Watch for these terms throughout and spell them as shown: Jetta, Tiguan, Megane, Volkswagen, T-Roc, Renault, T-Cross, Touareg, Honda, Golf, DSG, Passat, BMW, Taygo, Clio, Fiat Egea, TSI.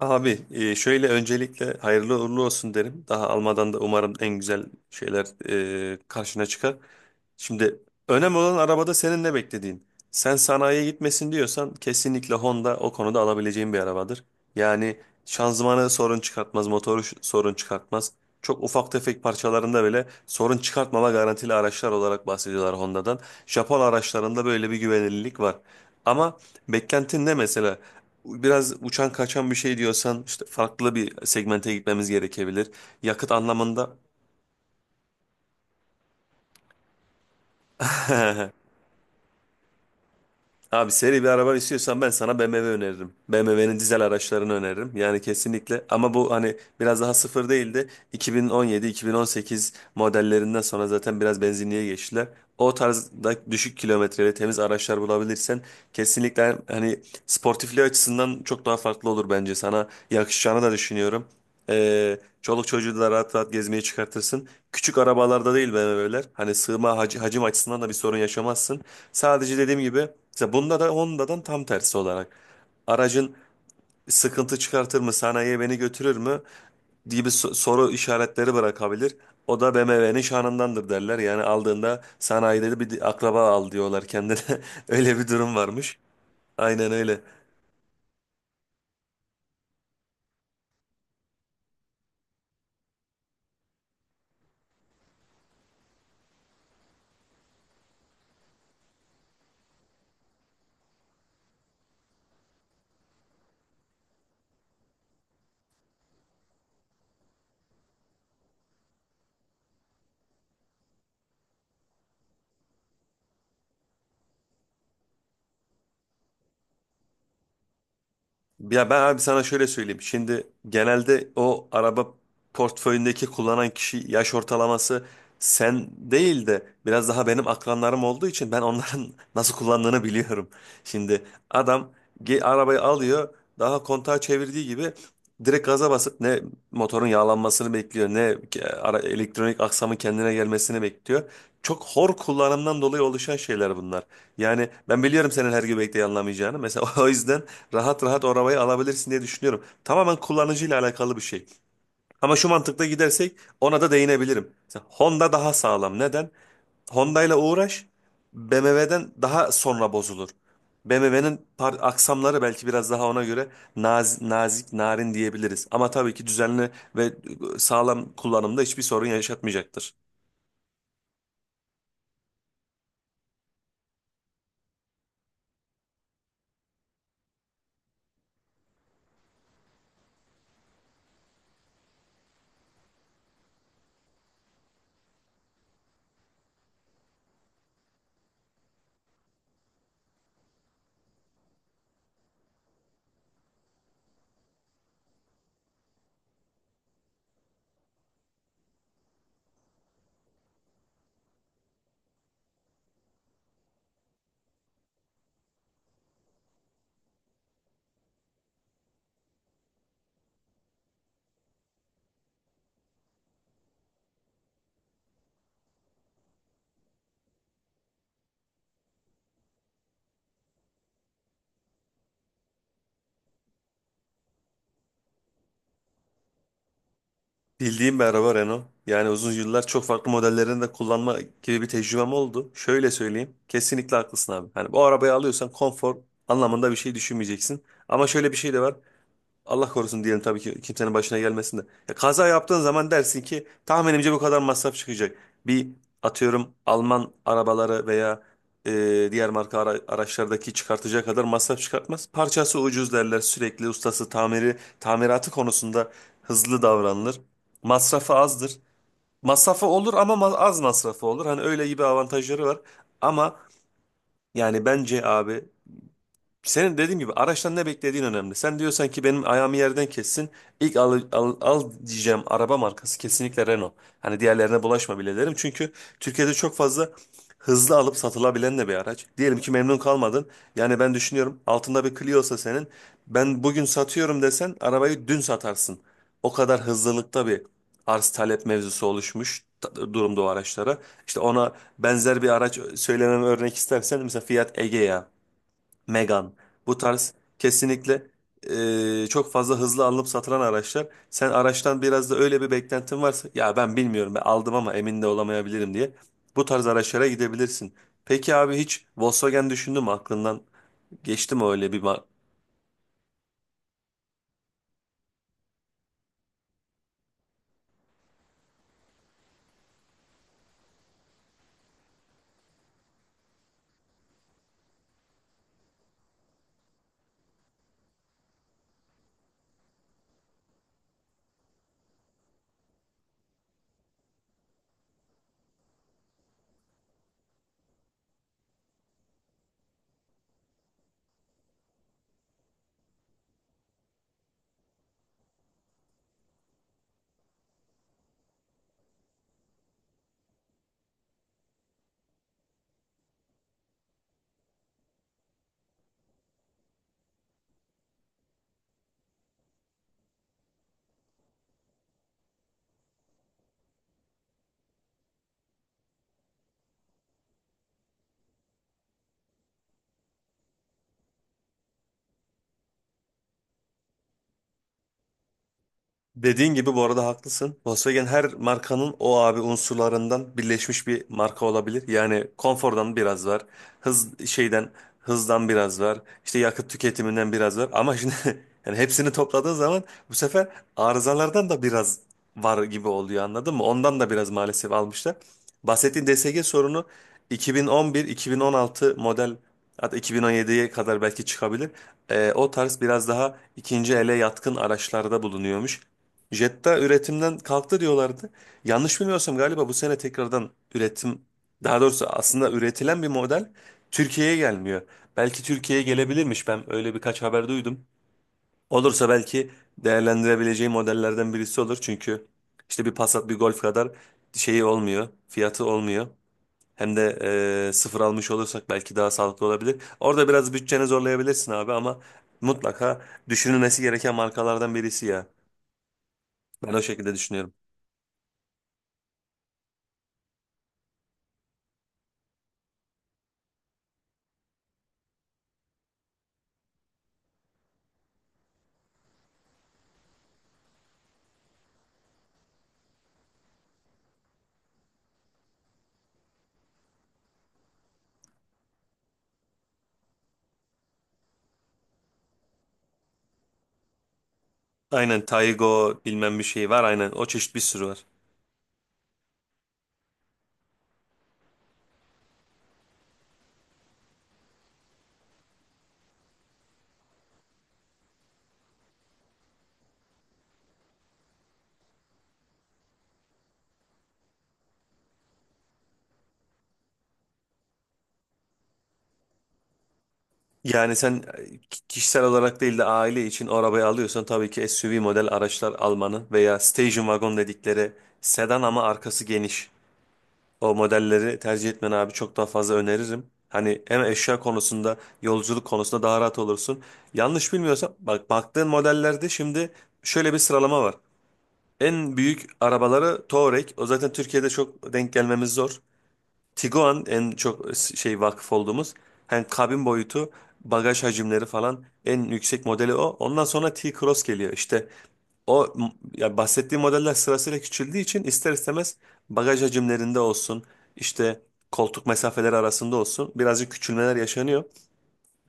Abi şöyle öncelikle hayırlı uğurlu olsun derim. Daha almadan da umarım en güzel şeyler karşına çıkar. Şimdi önemli olan arabada senin ne beklediğin. Sen sanayiye gitmesin diyorsan kesinlikle Honda o konuda alabileceğin bir arabadır. Yani şanzımanı sorun çıkartmaz, motoru sorun çıkartmaz. Çok ufak tefek parçalarında bile sorun çıkartmama garantili araçlar olarak bahsediyorlar Honda'dan. Japon araçlarında böyle bir güvenilirlik var. Ama beklentin ne mesela? Biraz uçan kaçan bir şey diyorsan işte farklı bir segmente gitmemiz gerekebilir. Yakıt anlamında Abi seri bir araba istiyorsan ben sana BMW öneririm. BMW'nin dizel araçlarını öneririm. Yani kesinlikle ama bu hani biraz daha sıfır değildi. 2017-2018 modellerinden sonra zaten biraz benzinliğe geçtiler. O tarzda düşük kilometreli temiz araçlar bulabilirsen kesinlikle hani sportifliği açısından çok daha farklı olur bence. Sana yakışacağını da düşünüyorum. Çoluk çocuğu da rahat rahat gezmeye çıkartırsın. Küçük arabalarda değil be bebeler. Hani sığma hacim açısından da bir sorun yaşamazsın. Sadece dediğim gibi mesela bunda da Honda'dan tam tersi olarak. Aracın sıkıntı çıkartır mı? Sanayiye beni götürür mü? Gibi soru işaretleri bırakabilir. O da BMW'nin şanındandır derler. Yani aldığında sanayide de bir akraba al diyorlar kendine. Öyle bir durum varmış. Aynen öyle. Ya ben abi sana şöyle söyleyeyim. Şimdi genelde o araba portföyündeki kullanan kişi yaş ortalaması sen değil de biraz daha benim akranlarım olduğu için ben onların nasıl kullandığını biliyorum. Şimdi adam arabayı alıyor daha kontağı çevirdiği gibi direkt gaza basıp ne motorun yağlanmasını bekliyor ne elektronik aksamın kendine gelmesini bekliyor. Çok hor kullanımdan dolayı oluşan şeyler bunlar. Yani ben biliyorum senin her göbekte yanlamayacağını. Mesela o yüzden rahat rahat o arabayı alabilirsin diye düşünüyorum. Tamamen kullanıcıyla alakalı bir şey. Ama şu mantıkla gidersek ona da değinebilirim. Mesela Honda daha sağlam. Neden? Honda ile uğraş BMW'den daha sonra bozulur. BMW'nin aksamları belki biraz daha ona göre nazik, narin diyebiliriz. Ama tabii ki düzenli ve sağlam kullanımda hiçbir sorun yaşatmayacaktır. Bildiğim bir araba Renault. Yani uzun yıllar çok farklı modellerini de kullanma gibi bir tecrübem oldu. Şöyle söyleyeyim. Kesinlikle haklısın abi. Hani bu arabayı alıyorsan konfor anlamında bir şey düşünmeyeceksin. Ama şöyle bir şey de var. Allah korusun diyelim tabii ki kimsenin başına gelmesin de. Ya kaza yaptığın zaman dersin ki tahminimce bu kadar masraf çıkacak. Bir atıyorum Alman arabaları veya diğer marka araçlardaki çıkartacağı kadar masraf çıkartmaz. Parçası ucuz derler sürekli ustası tamiri tamiratı konusunda hızlı davranılır. Masrafı azdır. Masrafı olur ama az masrafı olur. Hani öyle gibi avantajları var. Ama yani bence abi senin dediğim gibi araçtan ne beklediğin önemli. Sen diyorsan ki benim ayağımı yerden kessin. İlk al, al, al diyeceğim araba markası kesinlikle Renault. Hani diğerlerine bulaşma bile derim. Çünkü Türkiye'de çok fazla hızlı alıp satılabilen de bir araç. Diyelim ki memnun kalmadın. Yani ben düşünüyorum altında bir Clio'sa senin. Ben bugün satıyorum desen arabayı dün satarsın. O kadar hızlılıkta bir arz talep mevzusu oluşmuş durumda o araçlara. İşte ona benzer bir araç söylemem örnek istersen mesela Fiat Egea. Megane. Bu tarz kesinlikle çok fazla hızlı alınıp satılan araçlar. Sen araçtan biraz da öyle bir beklentin varsa ya ben bilmiyorum ben aldım ama emin de olamayabilirim diye bu tarz araçlara gidebilirsin. Peki abi hiç Volkswagen düşündün mü aklından geçti mi öyle bir. Dediğin gibi bu arada haklısın. Volkswagen her markanın o abi unsurlarından birleşmiş bir marka olabilir. Yani konfordan biraz var. Hız hızdan biraz var. İşte yakıt tüketiminden biraz var. Ama şimdi yani hepsini topladığın zaman bu sefer arızalardan da biraz var gibi oluyor anladın mı? Ondan da biraz maalesef almışlar. Bahsettiğin DSG sorunu 2011-2016 model, hatta 2017'ye kadar belki çıkabilir. O tarz biraz daha ikinci ele yatkın araçlarda bulunuyormuş. Jetta üretimden kalktı diyorlardı. Yanlış bilmiyorsam galiba bu sene tekrardan üretim, daha doğrusu aslında üretilen bir model Türkiye'ye gelmiyor. Belki Türkiye'ye gelebilirmiş. Ben öyle birkaç haber duydum. Olursa belki değerlendirebileceği modellerden birisi olur. Çünkü işte bir Passat, bir Golf kadar şeyi olmuyor, fiyatı olmuyor. Hem de sıfır almış olursak belki daha sağlıklı olabilir. Orada biraz bütçeni zorlayabilirsin abi ama mutlaka düşünülmesi gereken markalardan birisi ya. Ben o şekilde düşünüyorum. Aynen Taygo bilmem bir şey var, aynen o çeşit bir sürü var. Yani sen kişisel olarak değil de aile için o arabayı alıyorsan tabii ki SUV model araçlar almanı veya station wagon dedikleri sedan ama arkası geniş o modelleri tercih etmeni abi çok daha fazla öneririm. Hani hem eşya konusunda yolculuk konusunda daha rahat olursun. Yanlış bilmiyorsam bak baktığın modellerde şimdi şöyle bir sıralama var. En büyük arabaları Touareg. O zaten Türkiye'de çok denk gelmemiz zor. Tiguan en çok şey vakıf olduğumuz. Hani kabin boyutu, bagaj hacimleri falan en yüksek modeli o. Ondan sonra T-Cross geliyor. İşte ya bahsettiğim modeller sırasıyla küçüldüğü için ister istemez bagaj hacimlerinde olsun, işte koltuk mesafeleri arasında olsun birazcık küçülmeler yaşanıyor.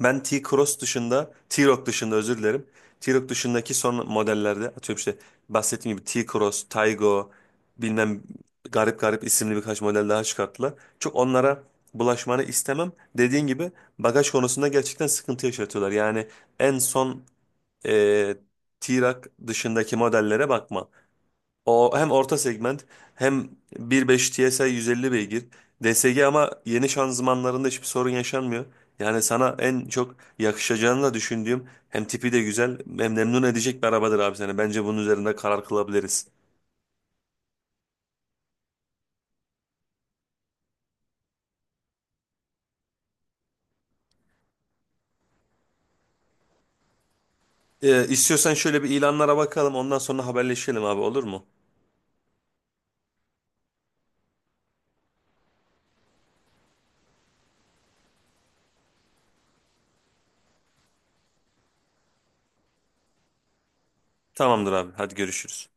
Ben T-Cross dışında, T-Roc dışında özür dilerim. T-Roc dışındaki son modellerde atıyorum işte bahsettiğim gibi T-Cross, Taygo, bilmem, garip garip isimli birkaç model daha çıkarttılar. Çok onlara bulaşmanı istemem. Dediğin gibi bagaj konusunda gerçekten sıkıntı yaşatıyorlar. Yani en son e, T-Roc dışındaki modellere bakma. O hem orta segment, hem 1.5 TSI 150 beygir. DSG ama yeni şanzımanlarında hiçbir sorun yaşanmıyor. Yani sana en çok yakışacağını da düşündüğüm, hem tipi de güzel, hem memnun edecek bir arabadır abi seni. Bence bunun üzerinde karar kılabiliriz. İstiyorsan şöyle bir ilanlara bakalım ondan sonra haberleşelim abi, olur mu? Tamamdır abi, hadi görüşürüz.